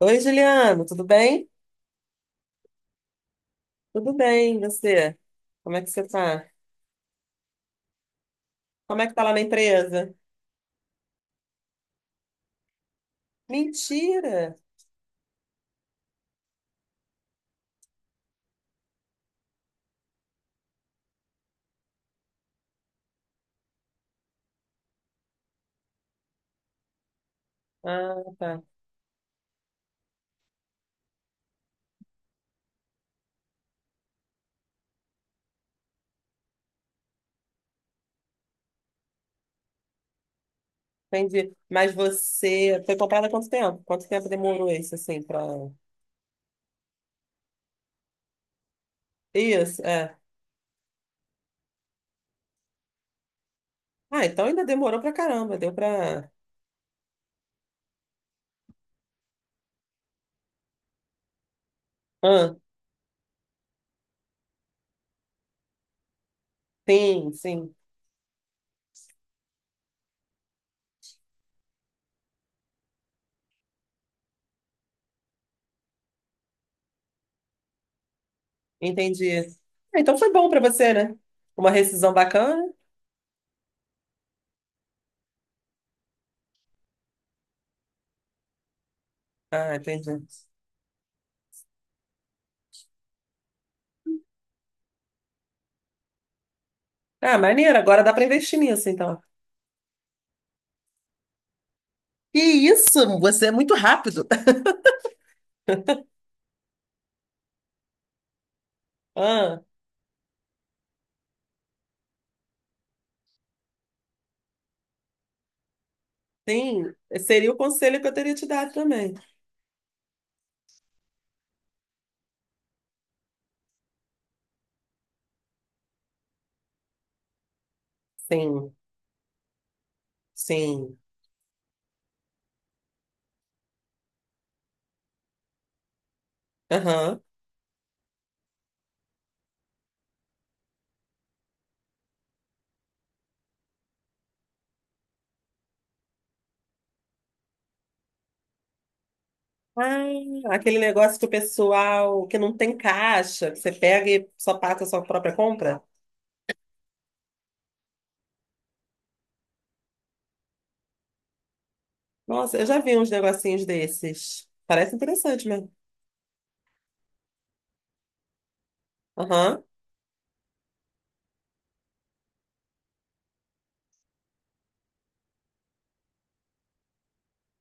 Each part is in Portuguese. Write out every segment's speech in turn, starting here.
Oi, Juliano, tudo bem? Tudo bem, e você? Como é que você tá? Como é que tá lá na empresa? Mentira! Ah, tá. Entendi. Mas você foi comprada há quanto tempo? Quanto tempo demorou isso, assim, pra... Isso, é. Ah, então ainda demorou pra caramba, deu pra... Ah, sim, sim, entendi. Ah, então foi bom pra você, né? Uma rescisão bacana? Ah, entendi. Ah, maneiro, agora dá pra investir nisso, então. Que isso? Você é muito rápido. Ah. Sim, seria o conselho que eu teria te dado também. Sim, sim. Aham. Ah, aquele negócio que o pessoal que não tem caixa, que você pega e só paga a sua própria compra. Nossa, eu já vi uns negocinhos desses. Parece interessante mesmo. Aham.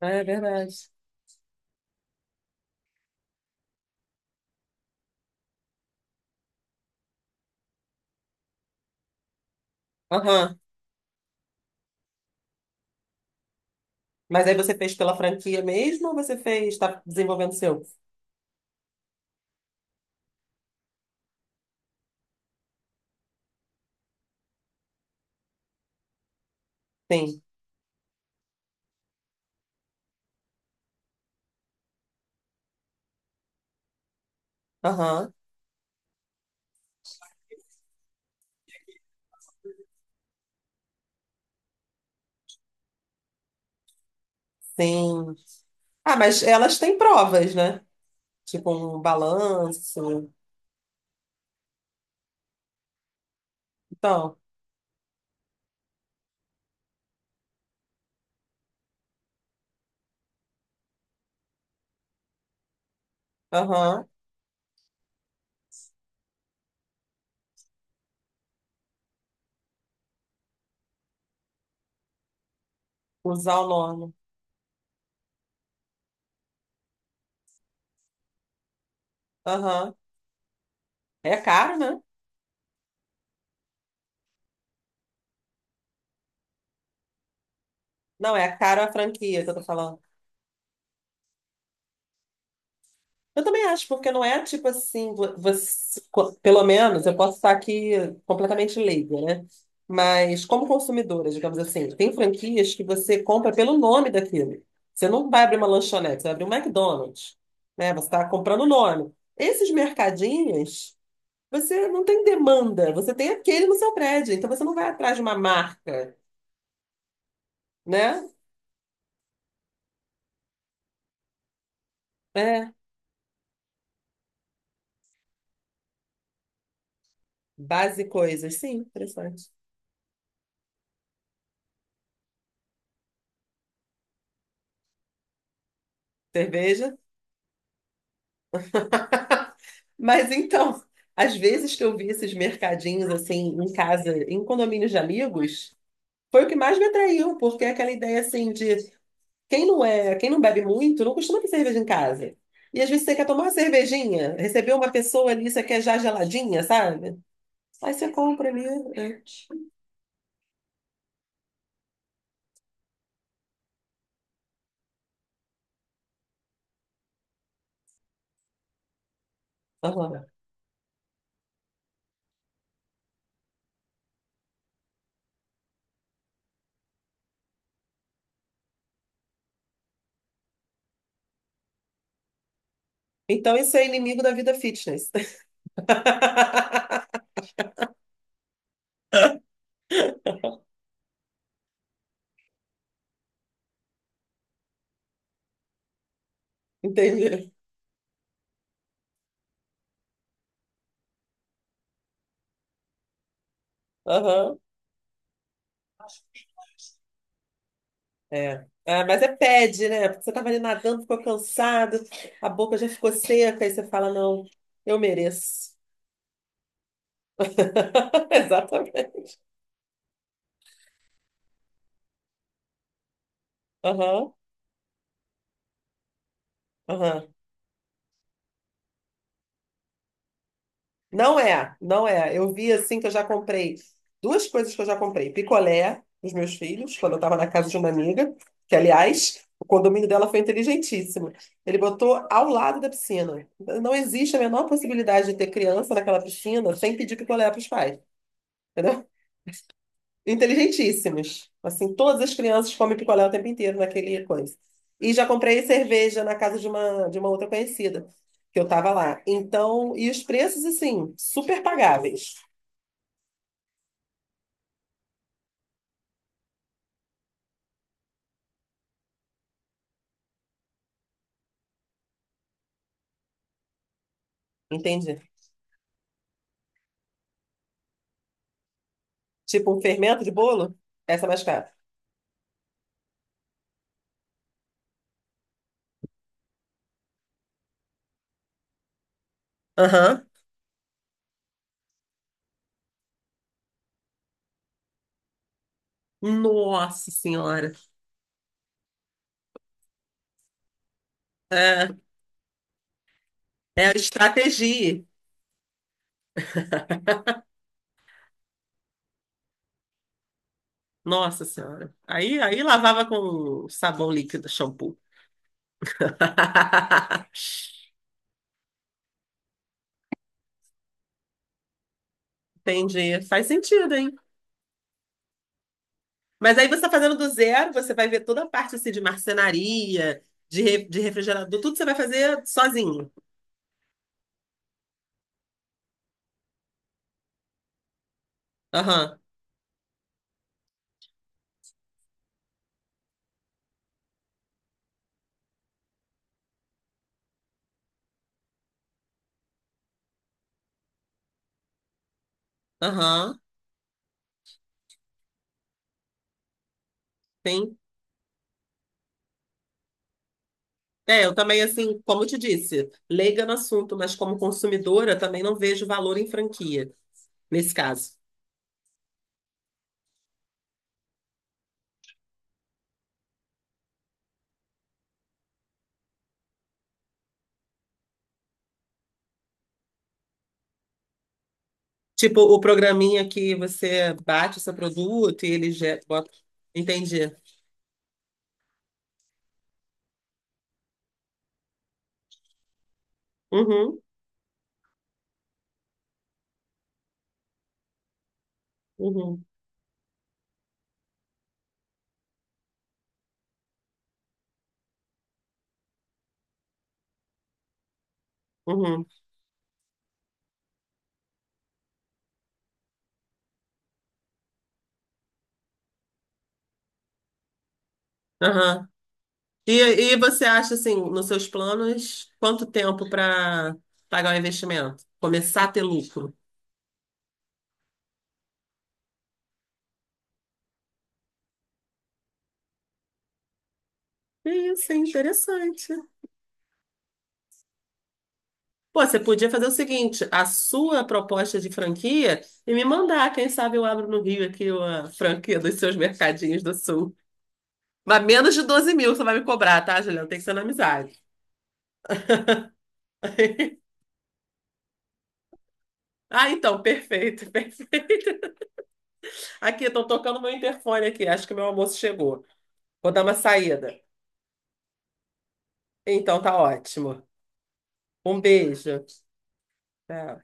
Ah, é verdade. Aham. Mas aí você fez pela franquia mesmo ou você fez, está desenvolvendo o seu? Sim. Aham. Sim. Ah, mas elas têm provas, né? Tipo um balanço. Então. Aham. Usar o nome. Aham. É caro, né? Não, é caro a franquia que eu tô falando. Eu também acho, porque não é tipo assim, você, pelo menos eu posso estar aqui completamente leiga, né? Mas como consumidora, digamos assim, tem franquias que você compra pelo nome daquilo. Você não vai abrir uma lanchonete, você vai abrir um McDonald's, né? Você está comprando o nome. Esses mercadinhos, você não tem demanda, você tem aquele no seu prédio, então você não vai atrás de uma marca, né? É. Base e coisas, sim, interessante. Cerveja. Mas então, às vezes que eu vi esses mercadinhos assim em casa, em condomínios de amigos, foi o que mais me atraiu, porque é aquela ideia assim de quem não bebe muito, não costuma ter cerveja em casa. E às vezes você quer tomar uma cervejinha, receber uma pessoa ali, você quer já geladinha, sabe? Aí você compra ali. É. Aham. Então isso é inimigo da vida fitness. Entendeu? Aham. É. Ah, mas é pede, né? Porque você estava ali nadando, ficou cansado, a boca já ficou seca, aí você fala, não, eu mereço. Exatamente. Aham, aham. Não é, não é. Eu vi assim que eu já comprei duas coisas que eu já comprei. Picolé dos meus filhos, quando eu estava na casa de uma amiga, que, aliás, o condomínio dela foi inteligentíssimo. Ele botou ao lado da piscina. Não existe a menor possibilidade de ter criança naquela piscina sem pedir picolé para os pais. Inteligentíssimos. Assim, todas as crianças comem picolé o tempo inteiro naquele coisa. E já comprei cerveja na casa de uma outra conhecida, que eu tava lá. Então, e os preços, assim, super pagáveis. Entende? Tipo um fermento de bolo, essa é mais cara. Aham. Nossa Senhora. É, é a estratégia. Nossa Senhora. Aí, aí lavava com sabão líquido, shampoo. Entendi. Faz sentido, hein? Mas aí você está fazendo do zero, você vai ver toda a parte assim, de marcenaria, de, de refrigerador, tudo você vai fazer sozinho. Aham, aham, sim. É, eu também, assim, como eu te disse, leiga no assunto, mas como consumidora também não vejo valor em franquia, nesse caso. Tipo, o programinha que você bate o seu produto e ele já bota. Entendi. Uhum, uhum, uhum, aham. E, e você acha, assim, nos seus planos, quanto tempo para pagar o investimento? Começar a ter lucro? Isso é interessante. Pô, você podia fazer o seguinte, a sua proposta de franquia e me mandar. Quem sabe eu abro no Rio aqui a franquia dos seus mercadinhos do Sul. Mas menos de 12 mil você vai me cobrar, tá, Juliana? Tem que ser na amizade. Ah, então, perfeito, perfeito. Aqui, estão tocando meu interfone aqui. Acho que meu almoço chegou. Vou dar uma saída. Então, tá ótimo. Um beijo. Tchau.